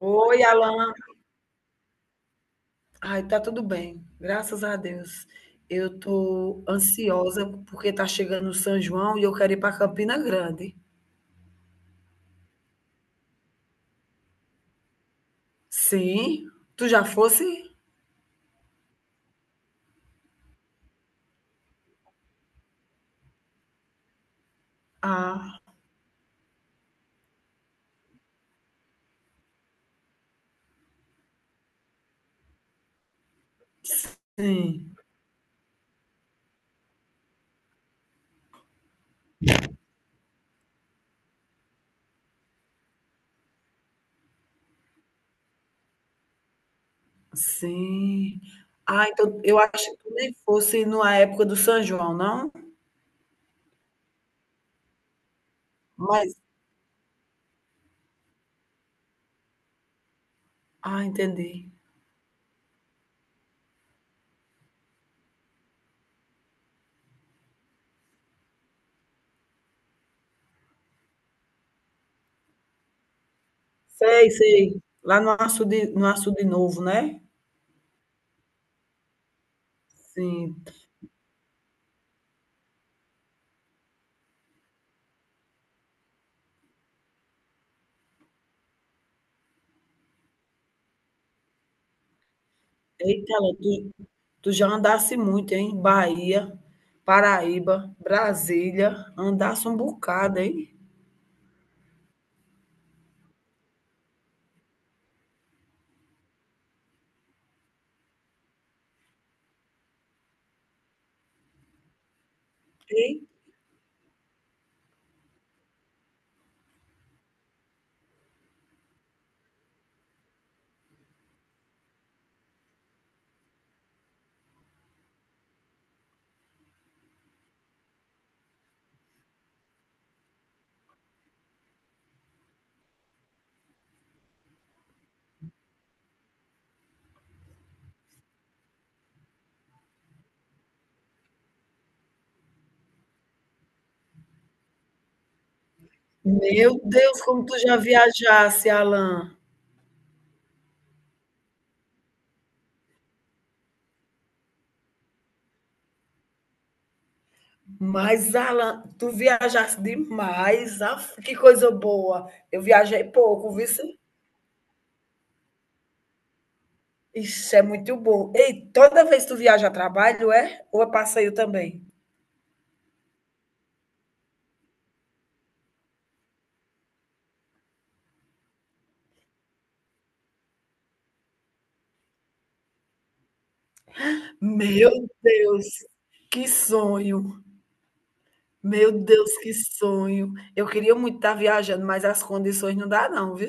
Oi, Alan. Ai, tá tudo bem, graças a Deus. Eu tô ansiosa porque tá chegando o São João e eu quero ir para Campina Grande. Sim, tu já fosse? Ah, sim, sim. Ah, então eu acho que tu nem fosse na época do São João, não? Mas, ah, entendi. Sei, sei. Lá no Açude, no Açude Novo, né? Sim. Eita, Alan, tu, tu já andasse muito, hein? Bahia, Paraíba, Brasília, andasse um bocado, hein? Ei. Meu Deus, como tu já viajasse, Alan. Mas, Alan, tu viajasse demais. Aff, que coisa boa. Eu viajei pouco, viu? Sim? Isso é muito bom. Ei, toda vez que tu viaja a trabalho, é? Ou é passeio também? Meu Deus, que sonho. Meu Deus, que sonho. Eu queria muito estar viajando, mas as condições não dá não, viu?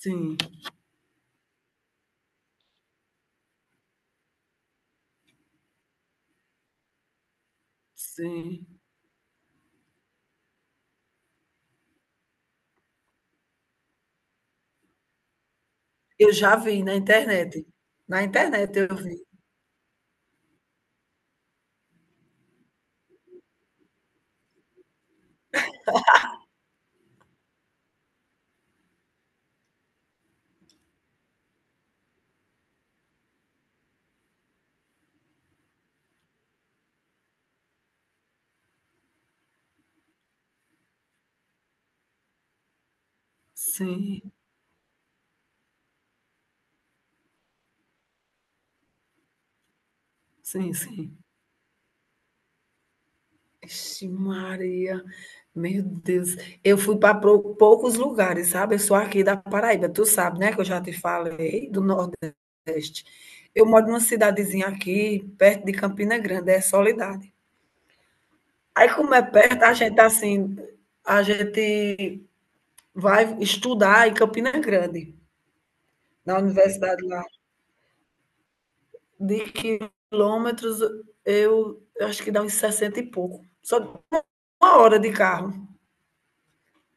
Sim, sim. Eu já vi na internet. Na internet eu vi. Sim, sim, sim. Vixe Maria, meu Deus. Eu fui para poucos lugares, sabe? Eu sou aqui da Paraíba, tu sabe, né, que eu já te falei, do Nordeste. Eu moro numa cidadezinha aqui, perto de Campina Grande, é Soledade. Aí como é perto, a gente, assim, a gente vai estudar em Campina Grande, na universidade lá. De quilômetros, eu acho que dá uns 60 e pouco. Só uma hora de carro.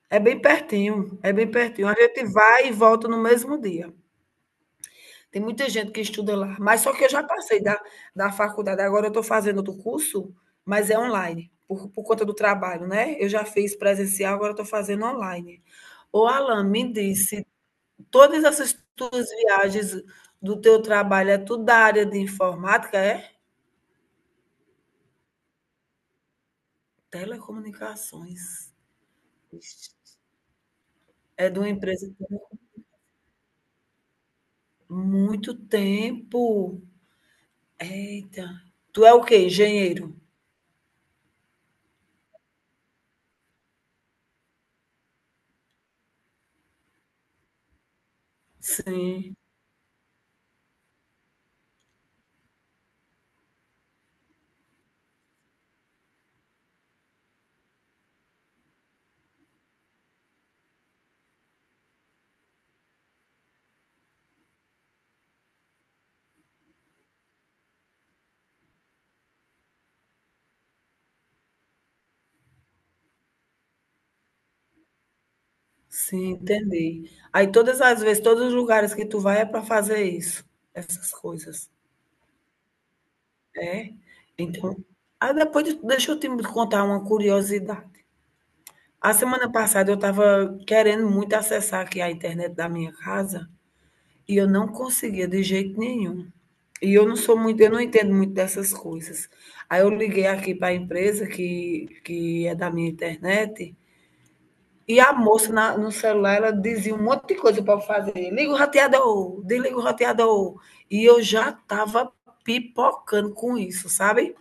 É bem pertinho, é bem pertinho. A gente vai e volta no mesmo dia. Tem muita gente que estuda lá. Mas só que eu já passei da, da faculdade. Agora eu estou fazendo outro curso, mas é online, por conta do trabalho, né? Eu já fiz presencial, agora estou fazendo online. Ô, Alan, me disse, todas essas tuas viagens do teu trabalho é tudo da área de informática, é? Telecomunicações. É de uma empresa que tem muito tempo. Eita. Tu é o quê? Engenheiro? Sim, sim, entendi. Aí todas as vezes, todos os lugares que tu vai é para fazer isso, essas coisas. É? Então, ah, deixa eu te contar uma curiosidade. A semana passada eu estava querendo muito acessar aqui a internet da minha casa e eu não conseguia de jeito nenhum. E eu não sou muito, eu não entendo muito dessas coisas. Aí eu liguei aqui para a empresa que é da minha internet, e a moça no celular ela dizia um monte de coisa para eu fazer. Liga o roteador, desliga o roteador. E eu já estava pipocando com isso, sabe?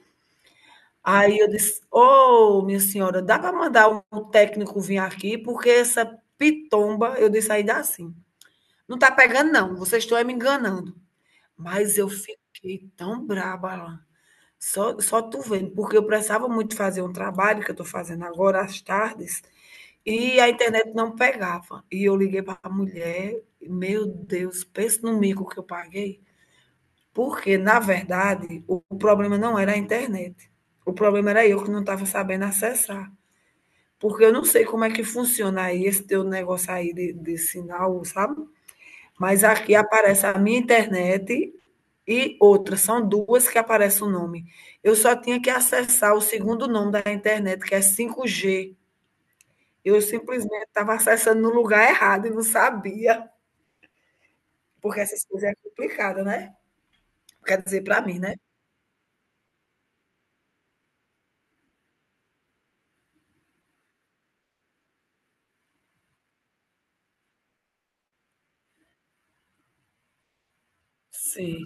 Aí eu disse: Ô, minha senhora, dá para mandar um técnico vir aqui, porque essa pitomba, eu disse aí dá sim. Não está pegando, não, vocês estão é me enganando. Mas eu fiquei tão braba lá, só tu vendo, porque eu precisava muito fazer um trabalho que eu estou fazendo agora às tardes e a internet não pegava. E eu liguei para a mulher, meu Deus, pensa no mico que eu paguei. Porque, na verdade, o problema não era a internet. O problema era eu que não estava sabendo acessar. Porque eu não sei como é que funciona aí esse teu negócio aí de sinal, sabe? Mas aqui aparece a minha internet e outra. São duas que aparece o nome. Eu só tinha que acessar o segundo nome da internet, que é 5G. Eu simplesmente estava acessando no lugar errado e não sabia. Porque essas coisas é complicada, né? Quer dizer, para mim, né? Sim,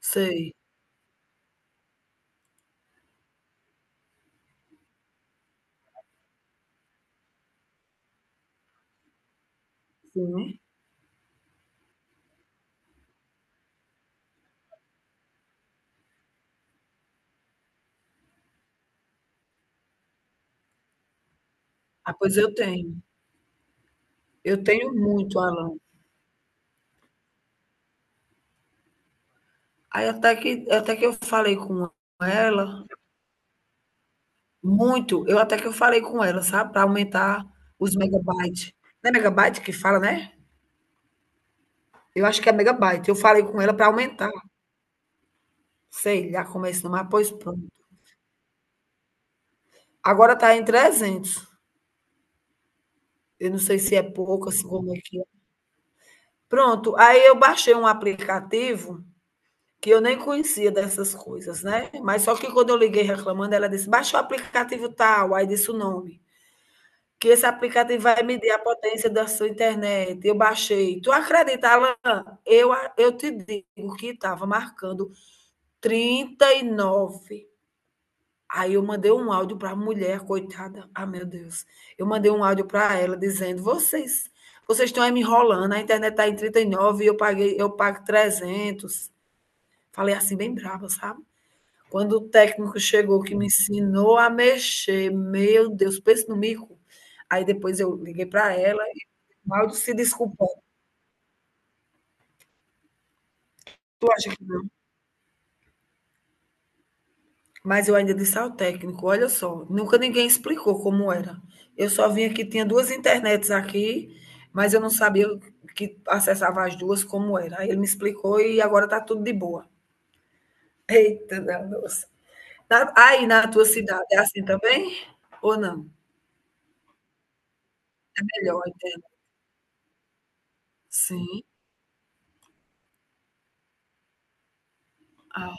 sei. Sim. Ah, pois eu tenho. Eu tenho muito, Alan. Aí até que eu falei com ela muito, eu até que eu falei com ela, sabe, para aumentar os megabytes. Não é megabyte que fala, né? Eu acho que é megabyte. Eu falei com ela para aumentar. Sei lá como é esse nome, mas pois pronto. Agora tá em 300. Eu não sei se é pouco, assim, como é que é. Pronto, aí eu baixei um aplicativo que eu nem conhecia dessas coisas, né? Mas só que quando eu liguei reclamando, ela disse: baixa o aplicativo tal, aí disse o nome, que esse aplicativo vai medir a potência da sua internet. Eu baixei. Tu acredita, Alan? Eu, eu te digo que estava marcando 39. Aí eu mandei um áudio para a mulher, coitada. Ah, meu Deus. Eu mandei um áudio para ela dizendo: vocês estão aí me enrolando, a internet está em 39 e eu paguei, eu pago 300. Falei assim, bem brava, sabe? Quando o técnico chegou que me ensinou a mexer, meu Deus, pense no mico. Aí depois eu liguei para ela e mal se desculpou. Tu acha que... Mas eu ainda disse ao técnico, olha só, nunca ninguém explicou como era. Eu só vim aqui, tinha duas internets aqui, mas eu não sabia que acessava as duas como era. Aí ele me explicou e agora tá tudo de boa. Eita, nossa. Aí na tua cidade é assim também? Ou não? É melhor a internet? Sim. Ah,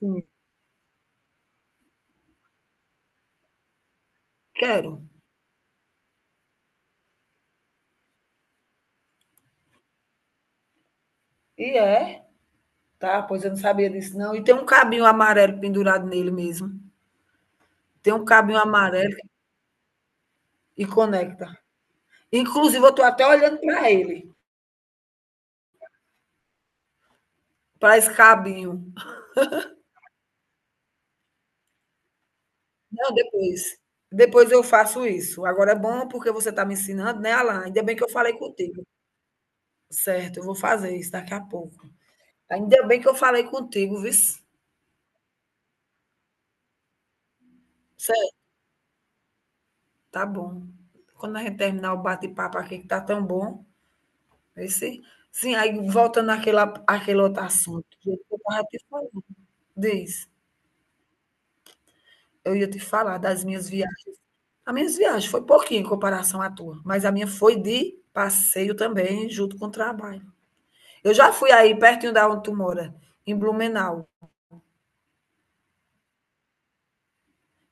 sim, quero. E é? Tá, pois eu não sabia disso não. E tem um cabinho amarelo pendurado nele mesmo. Tem um cabinho amarelo e conecta. Inclusive, eu estou até olhando para ele, para esse cabinho. Não, depois. Depois eu faço isso. Agora é bom porque você está me ensinando, né, Alan? Ainda bem que eu falei contigo. Certo, eu vou fazer isso daqui a pouco. Ainda bem que eu falei contigo, viu? Certo, tá bom. Quando a gente terminar o bate-papo aqui, que tá tão bom. Aí sim, sim, aí voltando àquele, àquele outro assunto que eu estava te falando, diz, eu ia te falar das minhas viagens. As minhas viagens foi pouquinho em comparação à tua, mas a minha foi de passeio também, junto com o trabalho. Eu já fui aí pertinho da onde tu mora, em Blumenau.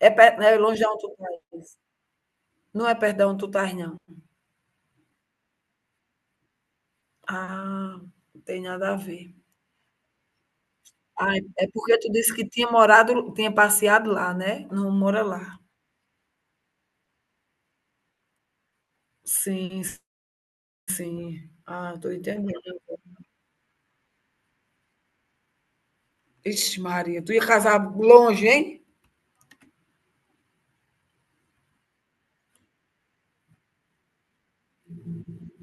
É, é longe de onde tu estás. Não é perto de onde tu estás, não. Ah, não tem nada a ver. Ah, é porque tu disse que tinha morado, tinha passeado lá, né? Não mora lá. Sim, sim. Ah, tô entendendo. Ixi, Maria, tu ia casar longe, hein?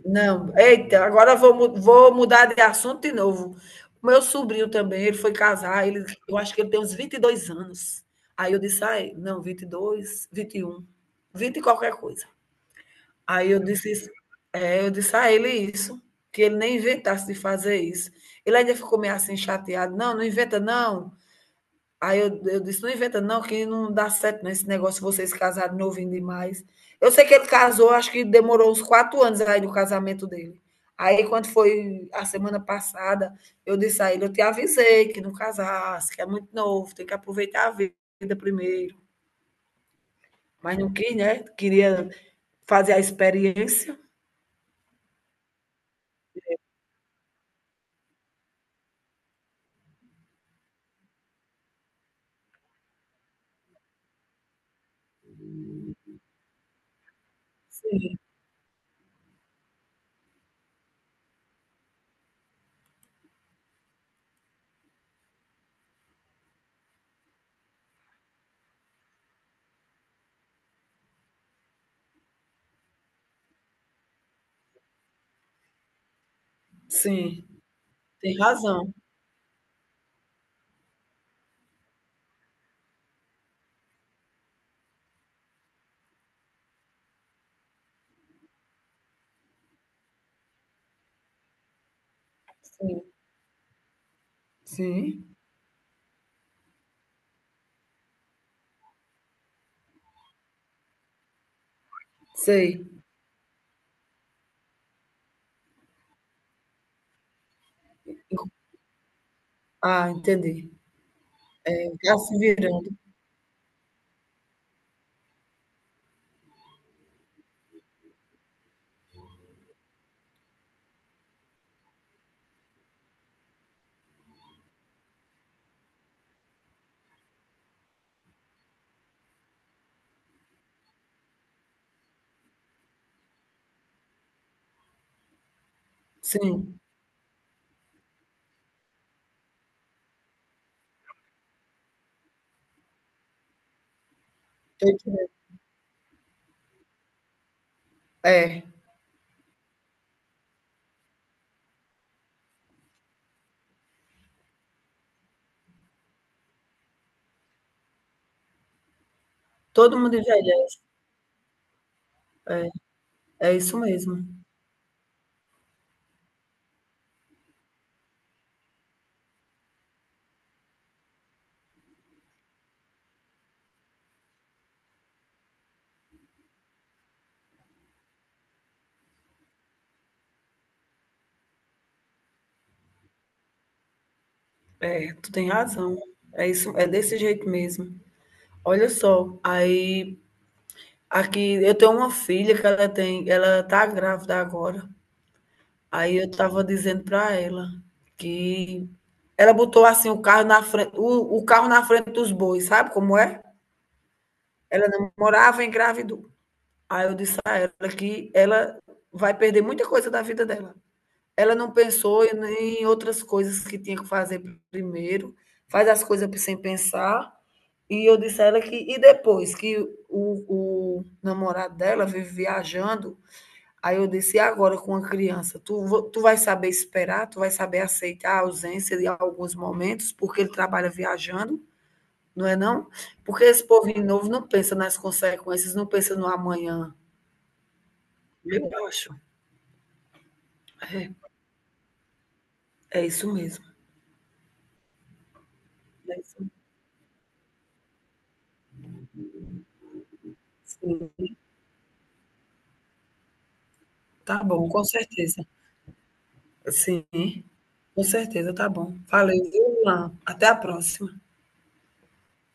Não, eita, agora vou mudar de assunto de novo. O meu sobrinho também, ele foi casar, ele, eu acho que ele tem uns 22 anos. Aí eu disse, ai, não, vinte e 21, 20 e um, vinte e qualquer coisa. Aí eu disse, é, eu disse a ele isso, que ele nem inventasse de fazer isso. Ele ainda ficou meio assim chateado, não, não inventa não. Aí eu disse, não inventa não, que não dá certo não, esse negócio, vocês casaram novinho demais. Eu sei que ele casou, acho que demorou uns 4 anos aí do casamento dele. Aí quando foi a semana passada, eu disse a ele, eu te avisei que não casasse, que é muito novo, tem que aproveitar a vida primeiro. Mas não quis, né? Queria fazer a experiência. Sim, sim, tem razão. Sim, sim, sei. Ah, entendi. Tá se virando. Sim, tô entendendo. É. Todo mundo envelhece. É isso mesmo. É, tu tem razão. É isso, é desse jeito mesmo. Olha só, aí aqui eu tenho uma filha que ela tem, ela tá grávida agora. Aí eu tava dizendo para ela que ela botou assim o carro na frente, o carro na frente dos bois, sabe como é? Ela namorava e engravidou. Aí eu disse a ela que ela vai perder muita coisa da vida dela. Ela não pensou em outras coisas que tinha que fazer primeiro, faz as coisas sem pensar. E eu disse a ela que. E depois que o namorado dela vive viajando, aí eu disse: e agora com a criança? Tu vai saber esperar, tu vai saber aceitar a ausência de alguns momentos, porque ele trabalha viajando, não é não? Porque esse povo novo não pensa nas consequências, não pensa no amanhã. Eu acho. É, é isso mesmo. É isso mesmo. Sim. Tá bom, com certeza. Sim, com certeza, tá bom. Valeu, viu, Luan? Até a próxima.